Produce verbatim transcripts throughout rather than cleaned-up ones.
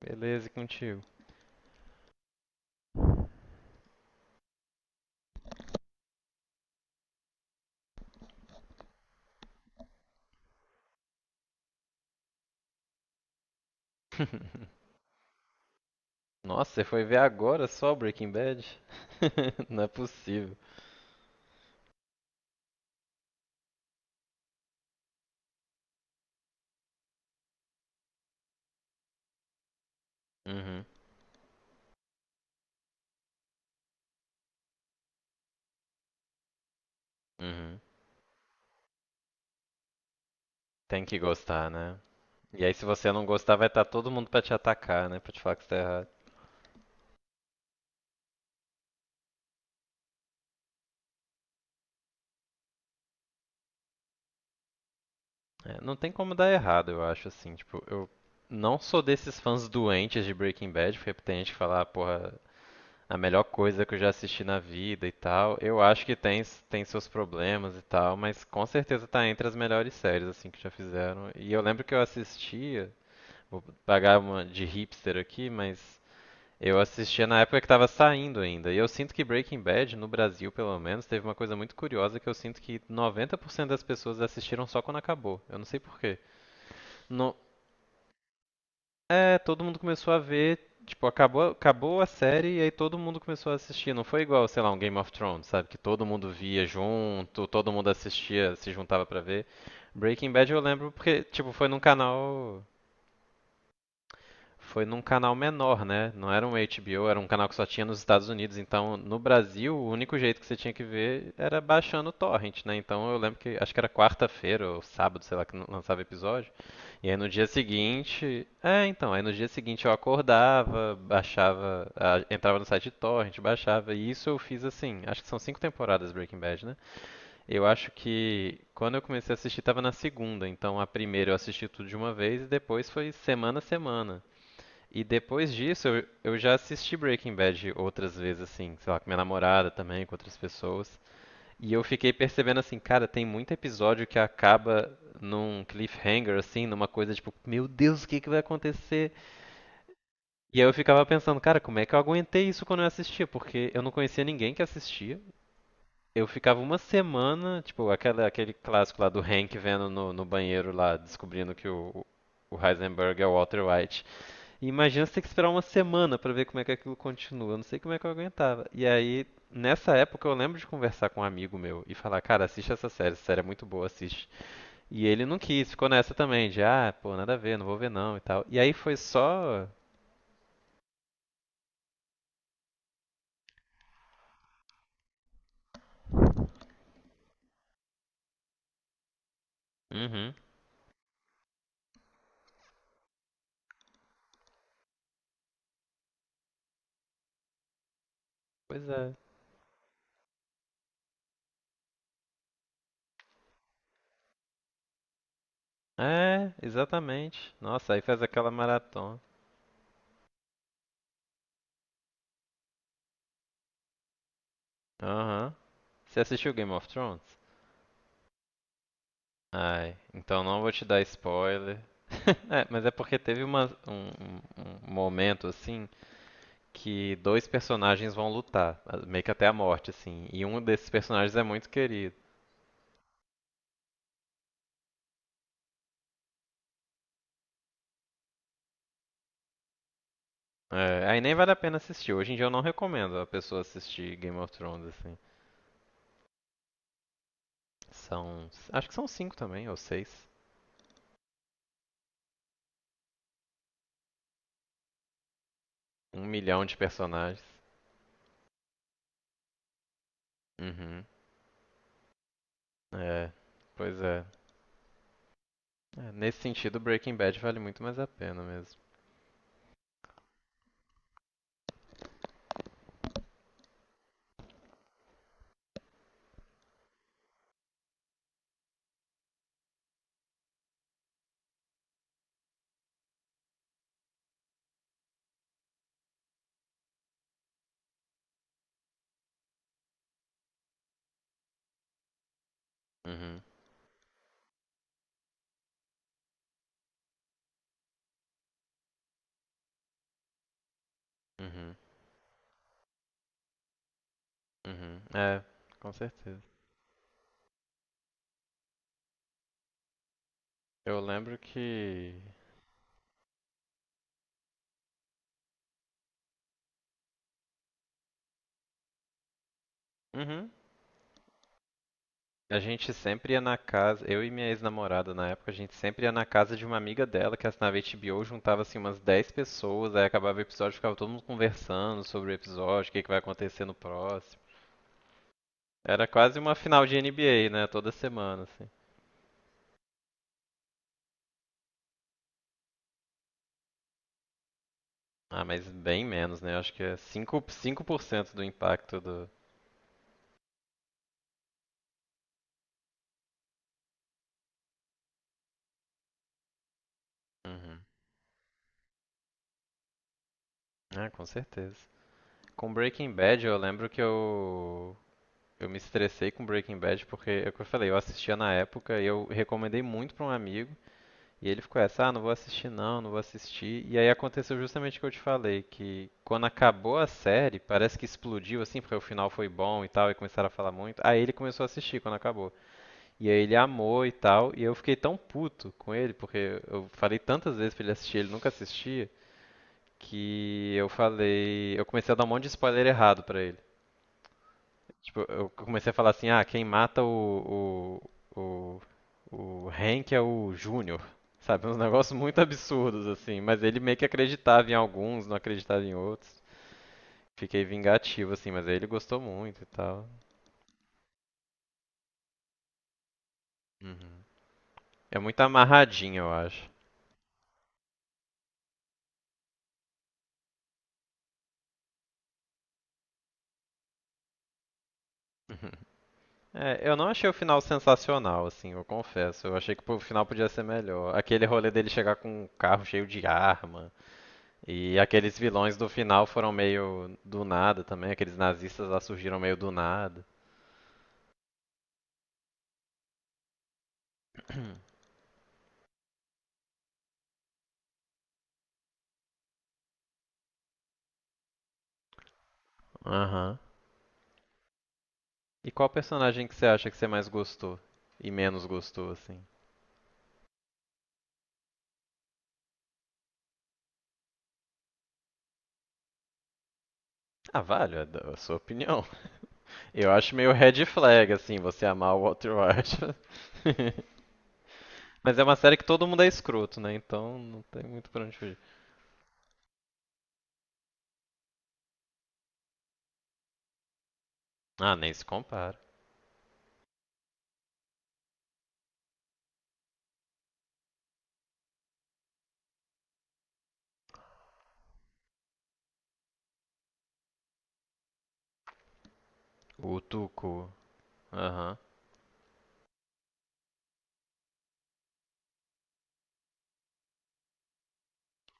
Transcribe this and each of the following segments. Beleza, e contigo? Nossa, você foi ver agora só Breaking Bad? Não é possível. Uhum, uhum. Tem que gostar, né? E aí, se você não gostar, vai estar todo mundo pra te atacar, né? Pra te falar que você tá errado. É, não tem como dar errado, eu acho, assim. Tipo, eu não sou desses fãs doentes de Breaking Bad, porque tem gente que fala, ah, porra, a melhor coisa que eu já assisti na vida e tal. Eu acho que tem, s- tem seus problemas e tal, mas com certeza tá entre as melhores séries assim que já fizeram. E eu lembro que eu assistia, vou pagar uma de hipster aqui, mas eu assistia na época que tava saindo ainda. E eu sinto que Breaking Bad, no Brasil pelo menos, teve uma coisa muito curiosa que eu sinto que noventa por cento das pessoas assistiram só quando acabou. Eu não sei por quê. É, todo mundo começou a ver, tipo, acabou, acabou a série e aí todo mundo começou a assistir. Não foi igual, sei lá, um Game of Thrones, sabe? Que todo mundo via junto, todo mundo assistia, se juntava pra ver. Breaking Bad eu lembro porque, tipo, foi num canal foi num canal menor, né? Não era um H B O, era um canal que só tinha nos Estados Unidos. Então, no Brasil, o único jeito que você tinha que ver era baixando o torrent, né? Então, eu lembro que acho que era quarta-feira ou sábado, sei lá, que lançava episódio. E aí no dia seguinte, é, então, aí no dia seguinte eu acordava, baixava, a- entrava no site de torrent, baixava. E isso eu fiz assim, acho que são cinco temporadas Breaking Bad, né? Eu acho que quando eu comecei a assistir tava na segunda, então a primeira eu assisti tudo de uma vez e depois foi semana a semana. E depois disso, eu, eu já assisti Breaking Bad outras vezes, assim, sei lá, com minha namorada também, com outras pessoas. E eu fiquei percebendo assim, cara, tem muito episódio que acaba num cliffhanger, assim, numa coisa tipo, meu Deus, o que que vai acontecer? E aí eu ficava pensando, cara, como é que eu aguentei isso quando eu assistia? Porque eu não conhecia ninguém que assistia. Eu ficava uma semana, tipo, aquela, aquele clássico lá do Hank vendo no, no banheiro lá, descobrindo que o, o Heisenberg é o Walter White. E imagina você ter que esperar uma semana pra ver como é que aquilo continua. Eu não sei como é que eu aguentava. E aí, nessa época, eu lembro de conversar com um amigo meu e falar, cara, assiste essa série, essa série é muito boa, assiste. E ele não quis, ficou nessa também, de ah, pô, nada a ver, não vou ver não e tal. E aí foi só. Uhum. Pois é. É, exatamente. Nossa, aí faz aquela maratona. Aham. Você assistiu Game of Thrones? Ai, então não vou te dar spoiler. É, mas é porque teve uma- um, um- um momento assim que dois personagens vão lutar, ah, meio que até a morte, assim. E um desses personagens é muito querido. É, aí nem vale a pena assistir. Hoje em dia eu não recomendo a pessoa assistir Game of Thrones, assim. São. Acho que são cinco também, ou seis. Um milhão de personagens. Uhum. É. Pois é. É, nesse sentido, Breaking Bad vale muito mais a pena mesmo. Uhum. Uhum. Uhum. É, com certeza. Eu lembro que. Uhum. A gente sempre ia na casa, eu e minha ex-namorada na época, a gente sempre ia na casa de uma amiga dela que assinava H B O, juntava assim umas dez pessoas, aí acabava o episódio, ficava todo mundo conversando sobre o episódio, o que que vai acontecer no próximo. Era quase uma final de N B A, né? Toda semana, assim. Ah, mas bem menos, né? Acho que é cinco cinco por cento do impacto do. Uhum. Ah, com certeza. Com Breaking Bad, eu lembro que eu. Eu me estressei com Breaking Bad porque, é o que eu falei, eu assistia na época e eu recomendei muito pra um amigo. E ele ficou essa, ah, não vou assistir não, não vou assistir. E aí aconteceu justamente o que eu te falei, que quando acabou a série, parece que explodiu assim, porque o final foi bom e tal, e começaram a falar muito. Aí ele começou a assistir quando acabou. E aí ele amou e tal, e eu fiquei tão puto com ele, porque eu falei tantas vezes pra ele assistir, ele nunca assistia, que eu falei, eu comecei a dar um monte de spoiler errado pra ele. Tipo, eu comecei a falar assim, ah, quem mata o, o, o, o Hank é o Júnior. Sabe, uns negócios muito absurdos, assim. Mas ele meio que acreditava em alguns, não acreditava em outros. Fiquei vingativo, assim, mas aí ele gostou muito e tal. Uhum. É muito amarradinho, eu acho. Uhum. É, eu não achei o final sensacional, assim, eu confesso. Eu achei que o final podia ser melhor. Aquele rolê dele chegar com um carro cheio de arma. E aqueles vilões do final foram meio do nada também, aqueles nazistas lá surgiram meio do nada. Aham. E qual personagem que você acha que você mais gostou e menos gostou, assim? Ah, vale, é da- a sua opinião. Eu acho meio red flag, assim, você amar o Walter White. Mas é uma série que todo mundo é escroto, né? Então não tem muito pra onde fugir. Ah, nem se compara. O Tuco, aham.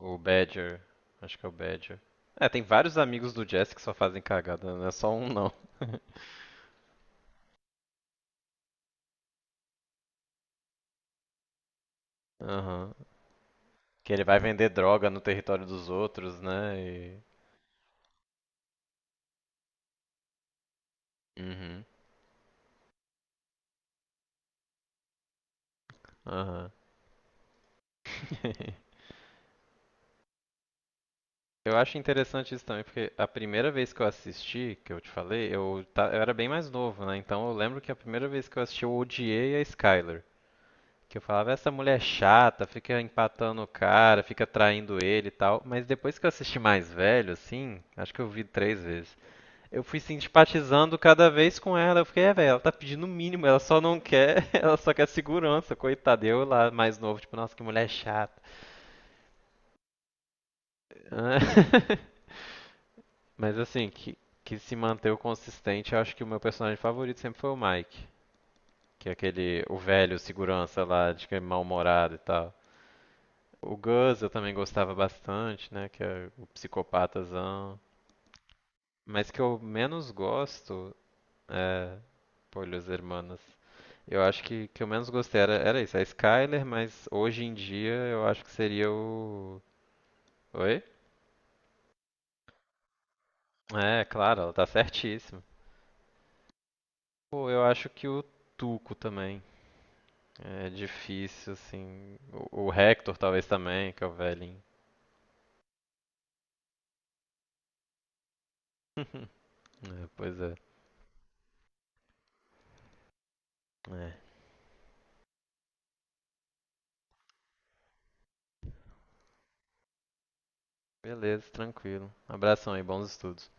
O Badger, acho que é o Badger. É, tem vários amigos do Jesse que só fazem cagada, não é só um não. Aham. Que ele vai vender droga no território dos outros, né? E... Uhum. Aham. Eu acho interessante isso também, porque a primeira vez que eu assisti, que eu te falei, eu, ta- eu era bem mais novo, né? Então eu lembro que a primeira vez que eu assisti, eu odiei a Skyler. Que eu falava, essa mulher é chata, fica empatando o cara, fica traindo ele e tal. Mas depois que eu assisti mais velho, assim, acho que eu vi três vezes. Eu fui simpatizando cada vez com ela. Eu fiquei, é, velho, ela tá pedindo o mínimo, ela só não quer, ela só quer segurança, coitada. Eu lá, mais novo, tipo, nossa, que mulher chata. Mas assim, que, que se manteve consistente, eu acho que o meu personagem favorito sempre foi o Mike. Que é aquele, o velho segurança lá, de que é mal-humorado e tal. O Gus eu também gostava bastante, né? Que é o psicopatazão. Mas que eu menos gosto é. Pô, Los Hermanos. Eu acho que que eu menos gostei era, era isso, a Skyler, mas hoje em dia eu acho que seria o. Oi? É, claro, ela tá certíssima. Pô, eu acho que o Tuco também. É difícil, assim. O, o Hector talvez também, que é o velhinho. Pois é. É. Beleza, tranquilo. Abração aí, bons estudos.